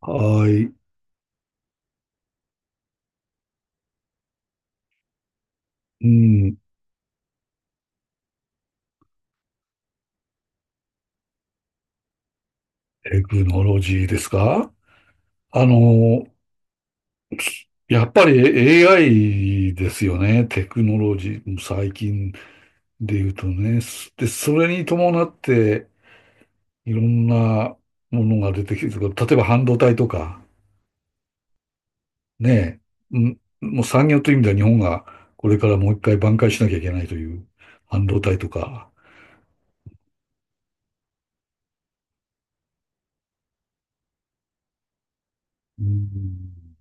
はい。うん。テクノロジーですか？あの、やっぱり AI ですよね。テクノロジー。最近で言うとね。それに伴って、いろんなものが出てきてる。例えば半導体とか、ねえ。うんもう産業という意味では日本がこれからもう一回挽回しなきゃいけないという半導体とか。うん。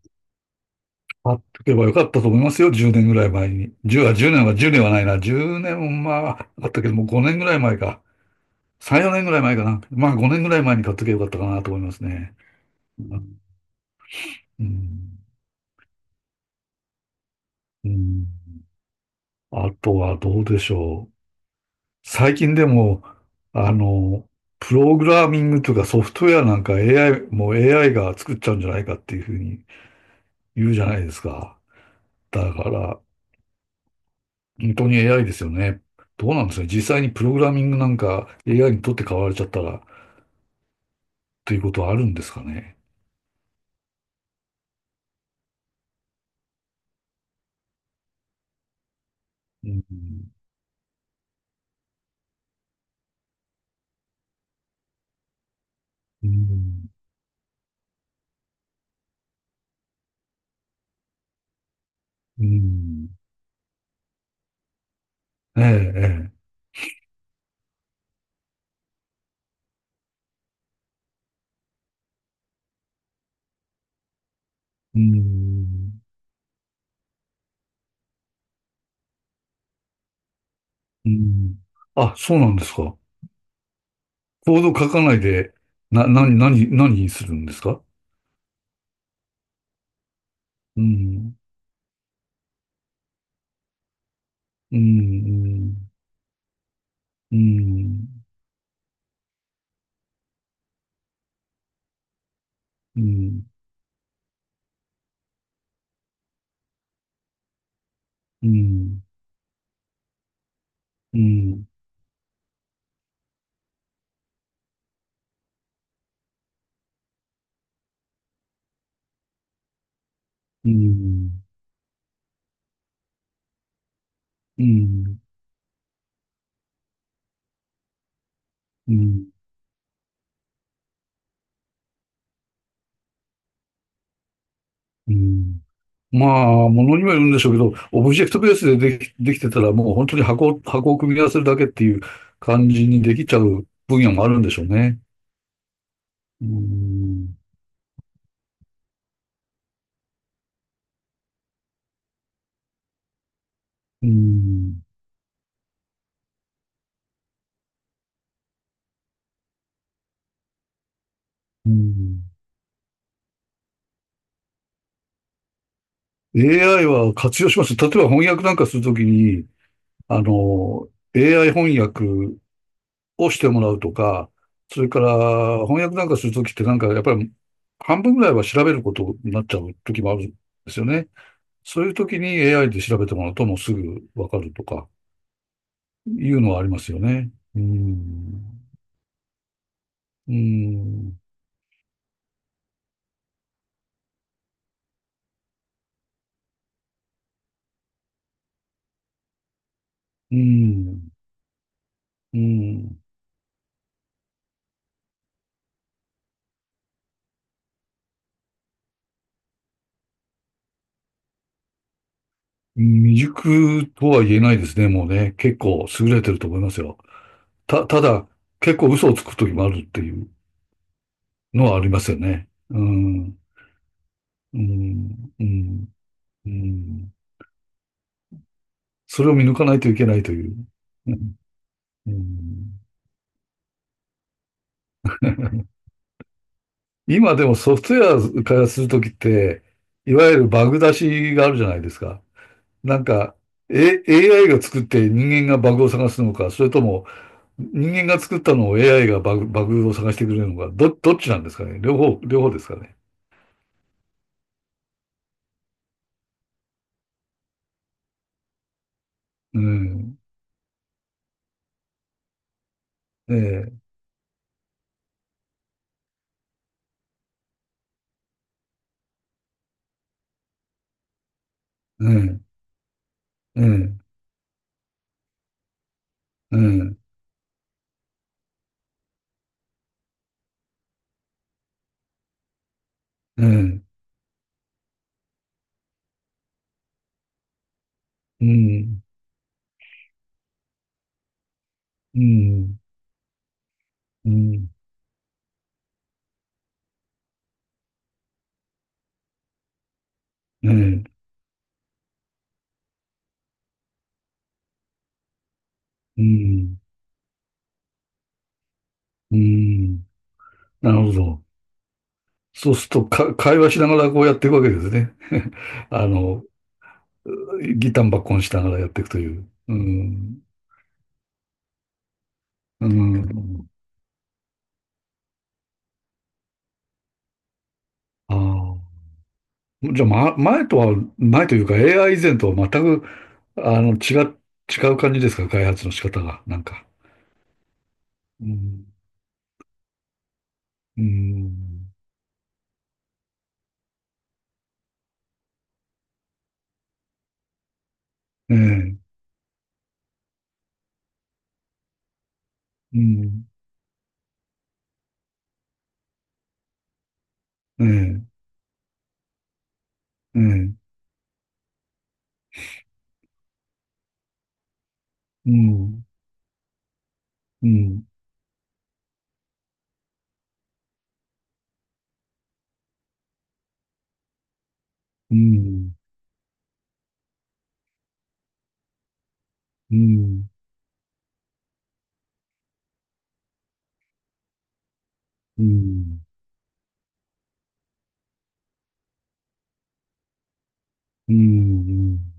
買っとけばよかったと思いますよ、10年ぐらい前に。10は、1年は、10年はないな。10年は、あったけども、5年ぐらい前か。3、4年ぐらい前かな。まあ、5年ぐらい前に買っとけばよかったかなと思いますね。うん。うん。あとはどうでしょう。最近でも、あの、プログラミングとかソフトウェアなんか AI、もう AI が作っちゃうんじゃないかっていうふうに言うじゃないですか。だから、本当に AI ですよね。どうなんですかね。実際にプログラミングなんか AI にとって変わられちゃったらということはあるんですかね。うん。うん。うん。ええ、ええ。うん。うん。あ、そうなんですか。コード書かないで、な、な、何、何にするんですか？うん。うん。うん。うん。うん。うん。うん。うん。うん。うん。うん。まあ、ものにもよるんでしょうけど、オブジェクトベースでできてたらもう本当に箱を組み合わせるだけっていう感じにできちゃう分野もあるんでしょうね。うん、うん、うーん。AI は活用します。例えば翻訳なんかするときに、あの、AI 翻訳をしてもらうとか、それから翻訳なんかするときってなんかやっぱり半分ぐらいは調べることになっちゃうときもあるんですよね。そういうときに AI で調べてもらうともうすぐわかるとか。いうのはありますよね。うん。うん。うん。うん。未熟とは言えないですね、もうね。結構優れてると思いますよ。ただ、結構嘘をつく時もあるっていうのはありますよね。うん。うん。うん。うん。それを見抜かないといけないという。うん。うん。今でもソフトウェア開発するときって、いわゆるバグ出しがあるじゃないですか。なんか、AI が作って人間がバグを探すのか、それとも人間が作ったのを AI がバグを探してくれるのか、どっちなんですかね。両方、両方ですかね。うん。ええ、ええ、ええ、ええ、ええ、うん、うん、うん、ええ、うん、うん。なるほど。そうすると、会話しながらこうやっていくわけですね。あの、ギタンバッコンしながらやっていくという。うん、うん、ああ。じゃあ、前というか AI 以前とは全く、あの、違う、違う感じですか、開発の仕方が、なんか。うん。うん。ええ、うん。ええ、ええ、うん。うん。うん。うん。うん。うん。うん。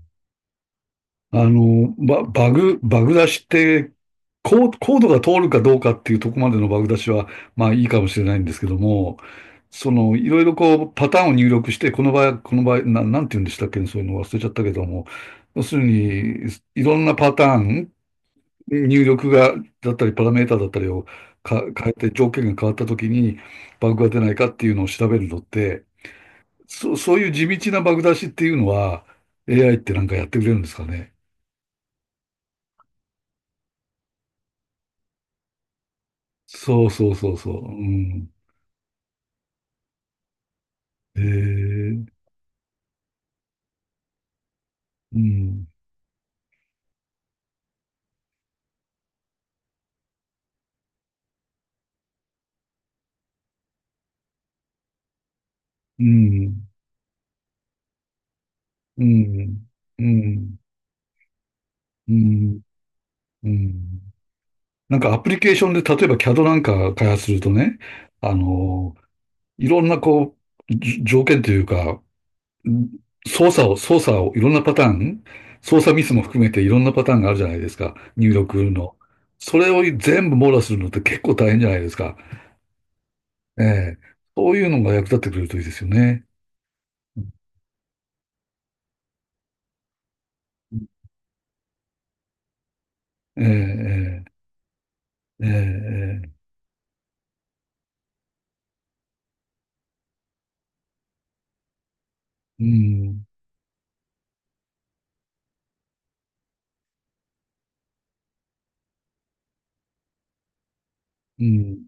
バグ出しって、コードが通るかどうかっていうとこまでのバグ出しは、まあいいかもしれないんですけども、その、いろいろこう、パターンを入力して、この場合、この場合、なんて言うんでしたっけね、そういうの忘れちゃったけども、要するに、いろんなパターン、入力が、だったり、パラメータだったりを変えて、条件が変わったときに、バグが出ないかっていうのを調べるのって、そういう地道なバグ出しっていうのは、AI ってなんかやってくれるんですかね。そうそうそうそう。うん。へえ、うん、うん、うん、うん、うん、うん。なんかアプリケーションで、例えば CAD なんか開発するとね、あの、いろんなこう、条件というか、ん操作をいろんなパターン、操作ミスも含めていろんなパターンがあるじゃないですか、入力の。それを全部網羅するのって結構大変じゃないですか。ええ。そういうのが役立ってくれるといいですよね。ええ、ええ。ええ、ええ、うん、うん、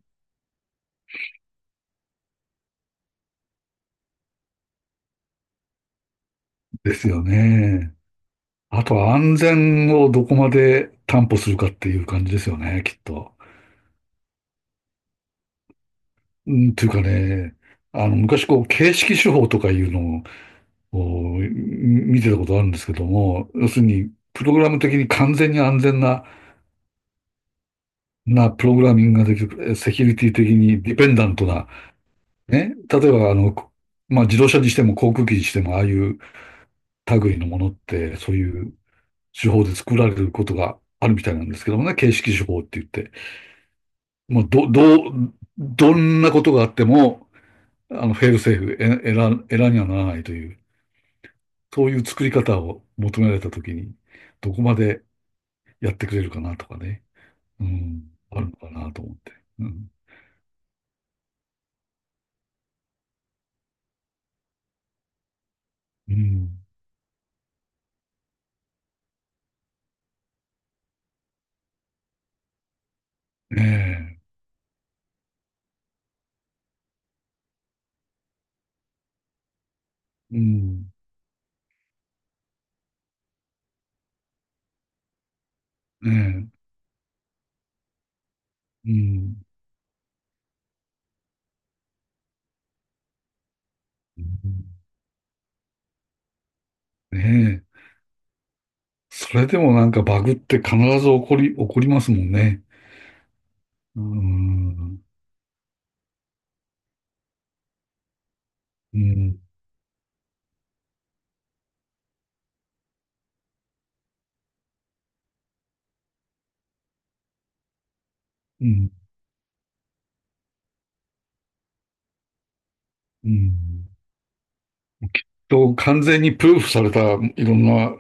ですよね。あとは安全をどこまで担保するかっていう感じですよね、きっと。うん、というかね、昔こう、形式手法とかいうのをこう見てたことあるんですけども、要するに、プログラム的に完全に安全な、プログラミングができる、セキュリティ的にディペンダントな、ね、例えばまあ、自動車にしても航空機にしても、ああいう類のものって、そういう手法で作られることがあるみたいなんですけどもね、形式手法って言って、もうどんなことがあっても、フェールセーフ、エラにはならないという、そういう作り方を求められたときに、どこまでやってくれるかなとかね、うん、あるのかなと思って。うん、うん、ねえ、うん、ねえ、うん、うん、ねえ。それでもなんかバグって必ず起こりますもんね。うん、うん、うん。うん完全にプルーフされたいろんな、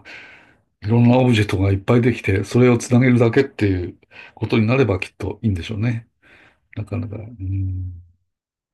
いろんなオブジェクトがいっぱいできて、それをつなげるだけっていうことになればきっといいんでしょうね。なかなか。うん